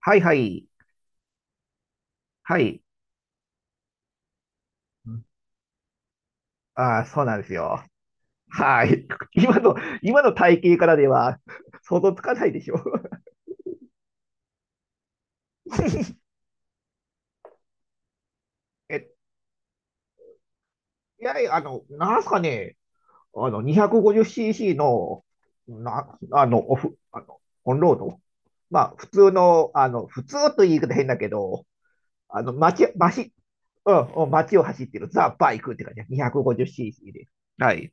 はいはい。はい。うん、ああ、そうなんですよ。はい。今の、今の体型からでは 想像つかないでしょ。え、いやいや、なんすかね、250cc の、な、あの、オフ、あの、オンロード。まあ、普通の、あの、普通という言い方変だけど、街、うん、うん、街を走ってるザ・バイクって感じ。250cc で。はい。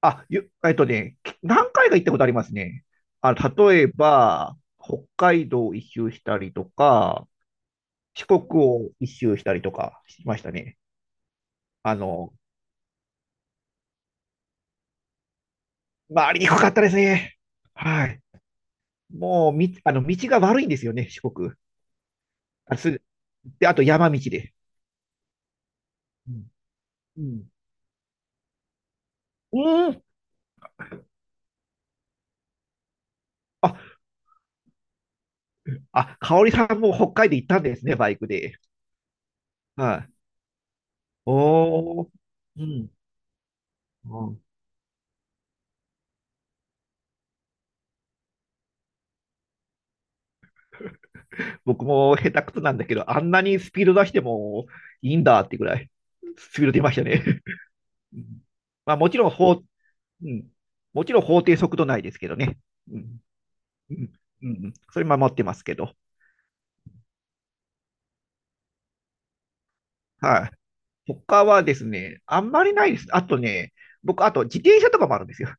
あ、ゆ、えっとね、き何回か行ったことありますね。例えば、北海道を一周したりとか、四国を一周したりとかしましたね。あの、回りにくかったですね。はい。もう、み、あの、道が悪いんですよね、四国。あ、す、で、あと山道で。うん。うん。うん。あ、あ、香織さんも北海道行ったんですね、バイクで。はい。おー。うん。うん、僕も下手くそなんだけど、あんなにスピード出してもいいんだってぐらい、スピード出ましたね。うん、まあ、うん、もちろん法定速度内ですけどね。うん、うん、うん、それ守ってますけど。はい。他はですね、あんまりないです。あとね、僕、あと自転車とかもあるんですよ。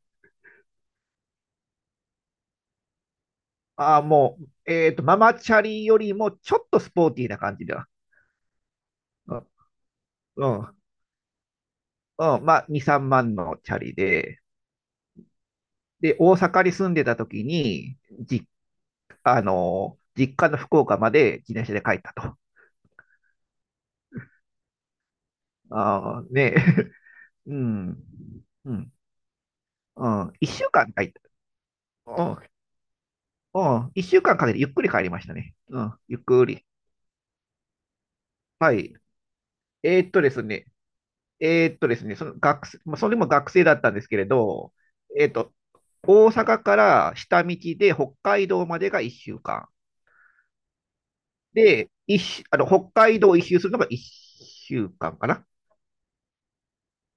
ああ、もう、ママチャリよりもちょっとスポーティーな感じだ。うん、うん、うん、まあ、2、3万のチャリで、大阪に住んでた時に、実実家の福岡まで自転車で帰ったと。あーねえ、うん、うん、うん、一週間帰った。うん、うん、一週間かんかけてゆっくり帰りましたね。うん、ゆっくり。はい。ですね、ですね、その学生、まあ、それも学生だったんですけれど、えーっと、大阪から下道で北海道までが一週間。で、一周、あの、北海道を一周するのが一週間かんかな。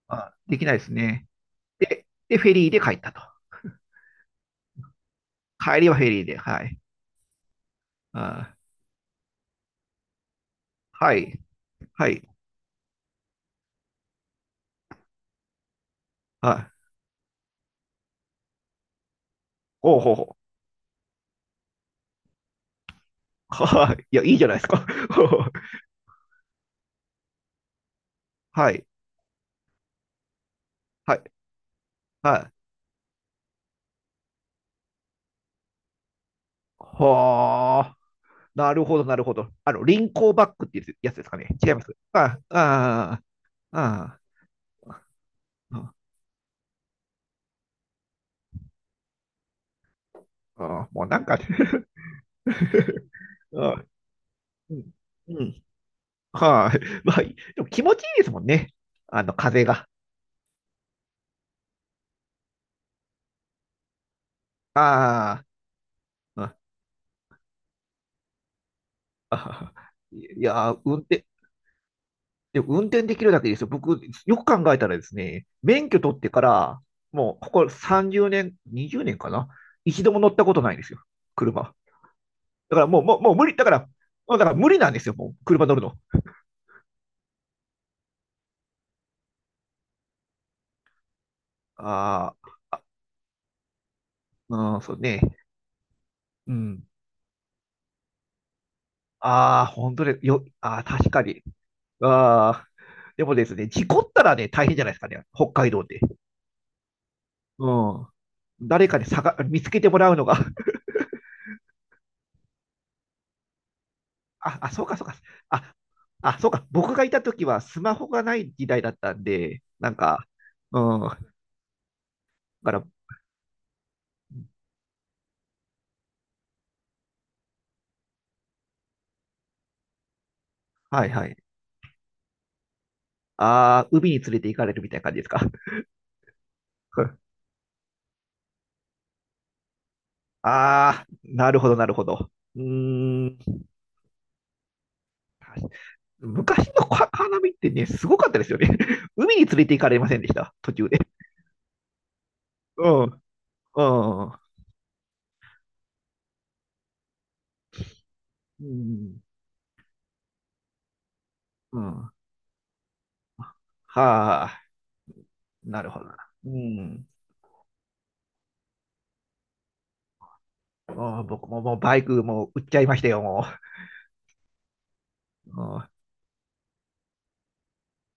あ、できないですね。で、フェリーで帰ったと。帰りはフェリーで、はい。あー、はい、はい、はい。おうほうほう。はい。いや、いいじゃないですか。はい、はい、はい。はあ、なるほど、なるほど。リンコーバックっていうやつですかね。違います。ああ、ああ、ああ、あもうなんか ああ、うん、うん、はい。まあ、でも気持ちいいですもんね。風が。ああ、ああ、いやー、運転できるだけですよ。僕、よく考えたらですね、免許取ってから、もう、ここ30年、20年かな、一度も乗ったことないんですよ。車。だからもう、もう無理。だから、もうだから無理なんですよ。もう、車乗るの。あーあ、うん、そうね。うん。ああ、本当で、ああ、確かに。ああ、でもですね、事故ったらね、大変じゃないですかね。北海道で。うん。誰かにさ見つけてもらうのが、あ、あ、そうか、そうか。あ、あ、そうか。僕がいた時はスマホがない時代だったんで、なんか、うん。だから、はいはい。ああ、海に連れて行かれるみたいな感じですか。ああ、なるほど、なるほど。うーん。昔のカーナビってね、すごかったですよね。海に連れて行かれませんでした、途中で。うん、うん、うん、うん。はあ、なるほどな。うん。もう僕ももうバイクもう売っちゃいましたよ、もう。うん、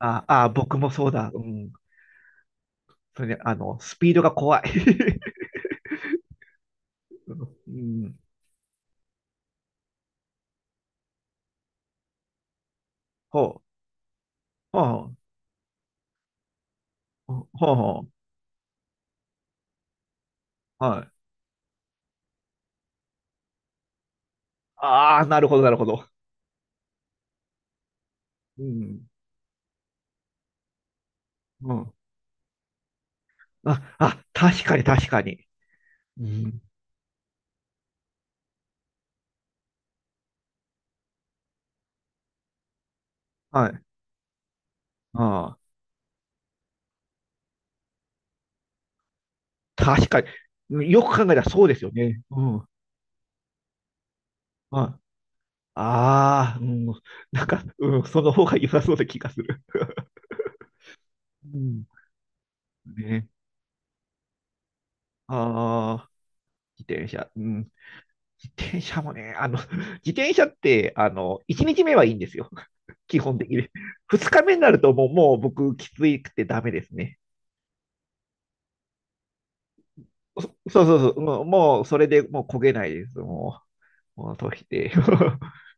ああ、僕もそうだ。うん。それで、スピードが怖い。うん。ほう、ほう、ほう、ほう、はい。ああ、なるほど、なるほど。うん。うん。あ、あ、確かに、確かに。うん。はい。ああ、確かに。うん、よく考えたらそうですよね。うん。はい。ああ、うん。なんか、うん、その方が良さそうな気がする。うん。ね。ああ、自転車。うん。自転車もね、自転車って、1日目はいいんですよ。基本的に。2日目になるともう、もう、僕、きついくてダメですね。そそうそうそう、もう、もうそれでもう焦げないです。もう、もうとして。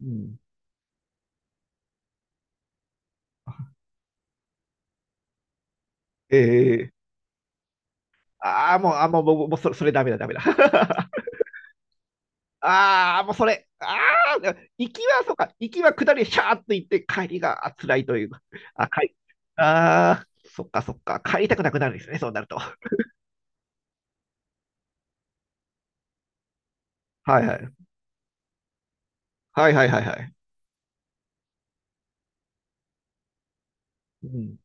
うん、えー、ああ、もう、あもう、もう、もうそれダメだ、ダメだ。ああ、もうそれ、ああ、行きは、そうか、行きは下り、シャーっと行って、帰りがあ辛いというか、あ、帰り、ああ、そっか、そっか、帰りたくなくなるんですね、そうなると。はいはい。はいはいはいはい。うん。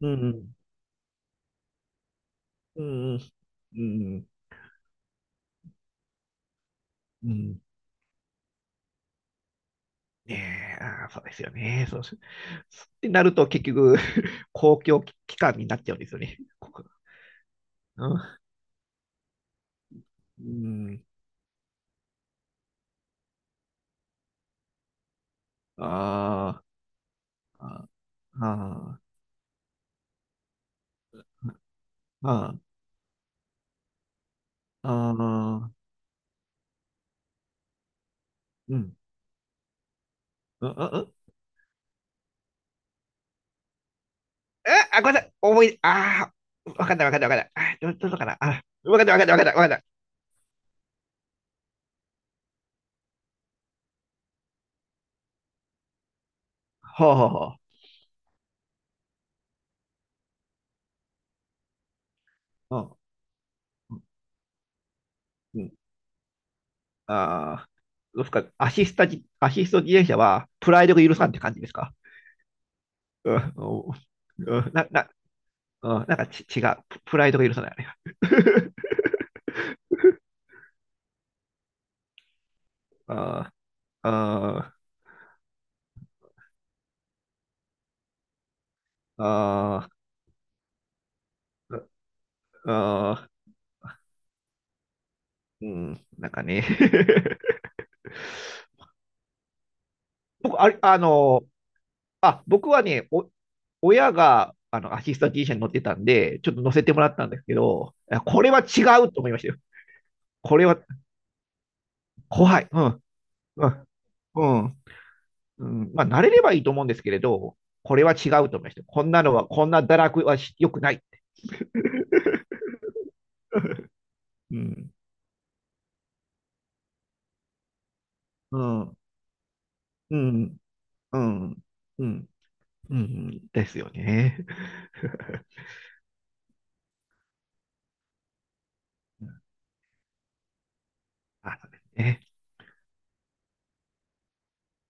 うん。うん。うん。うん。うん、ねえ、あー、そうですよね。そうし、そうってなると結局、公共機関になっちゃうんですよね。うん。うん。あーあー、あーあー、あー、うん。うん。うん。うん、ごめんなさい。ああ、わかんないわかんないわかんない。あ、どうぞかな。あ、わかんないわかんないわかんないわかんない。ほうほうほう。うん。うん、ああ、どうですか？アシスト自転車はプライドが許さんって感じですか？うん、うん、な、な、うん、なんかち、違う。プライドが許さない、あれが。あーあー、あーあー、うん、なんかね。僕、あれ、あの、僕はね、親が、アシスタ T 社に乗ってたんで、ちょっと乗せてもらったんですけど、いや、これは違うと思いましたよ。これは怖い。うん、うん、うん、うん。まあ、慣れればいいと思うんですけれど、これは違うと思いました。こんな堕落はし良くない。うん。うん、うん、うん、うん、うん、ですよね。あ、そうですね。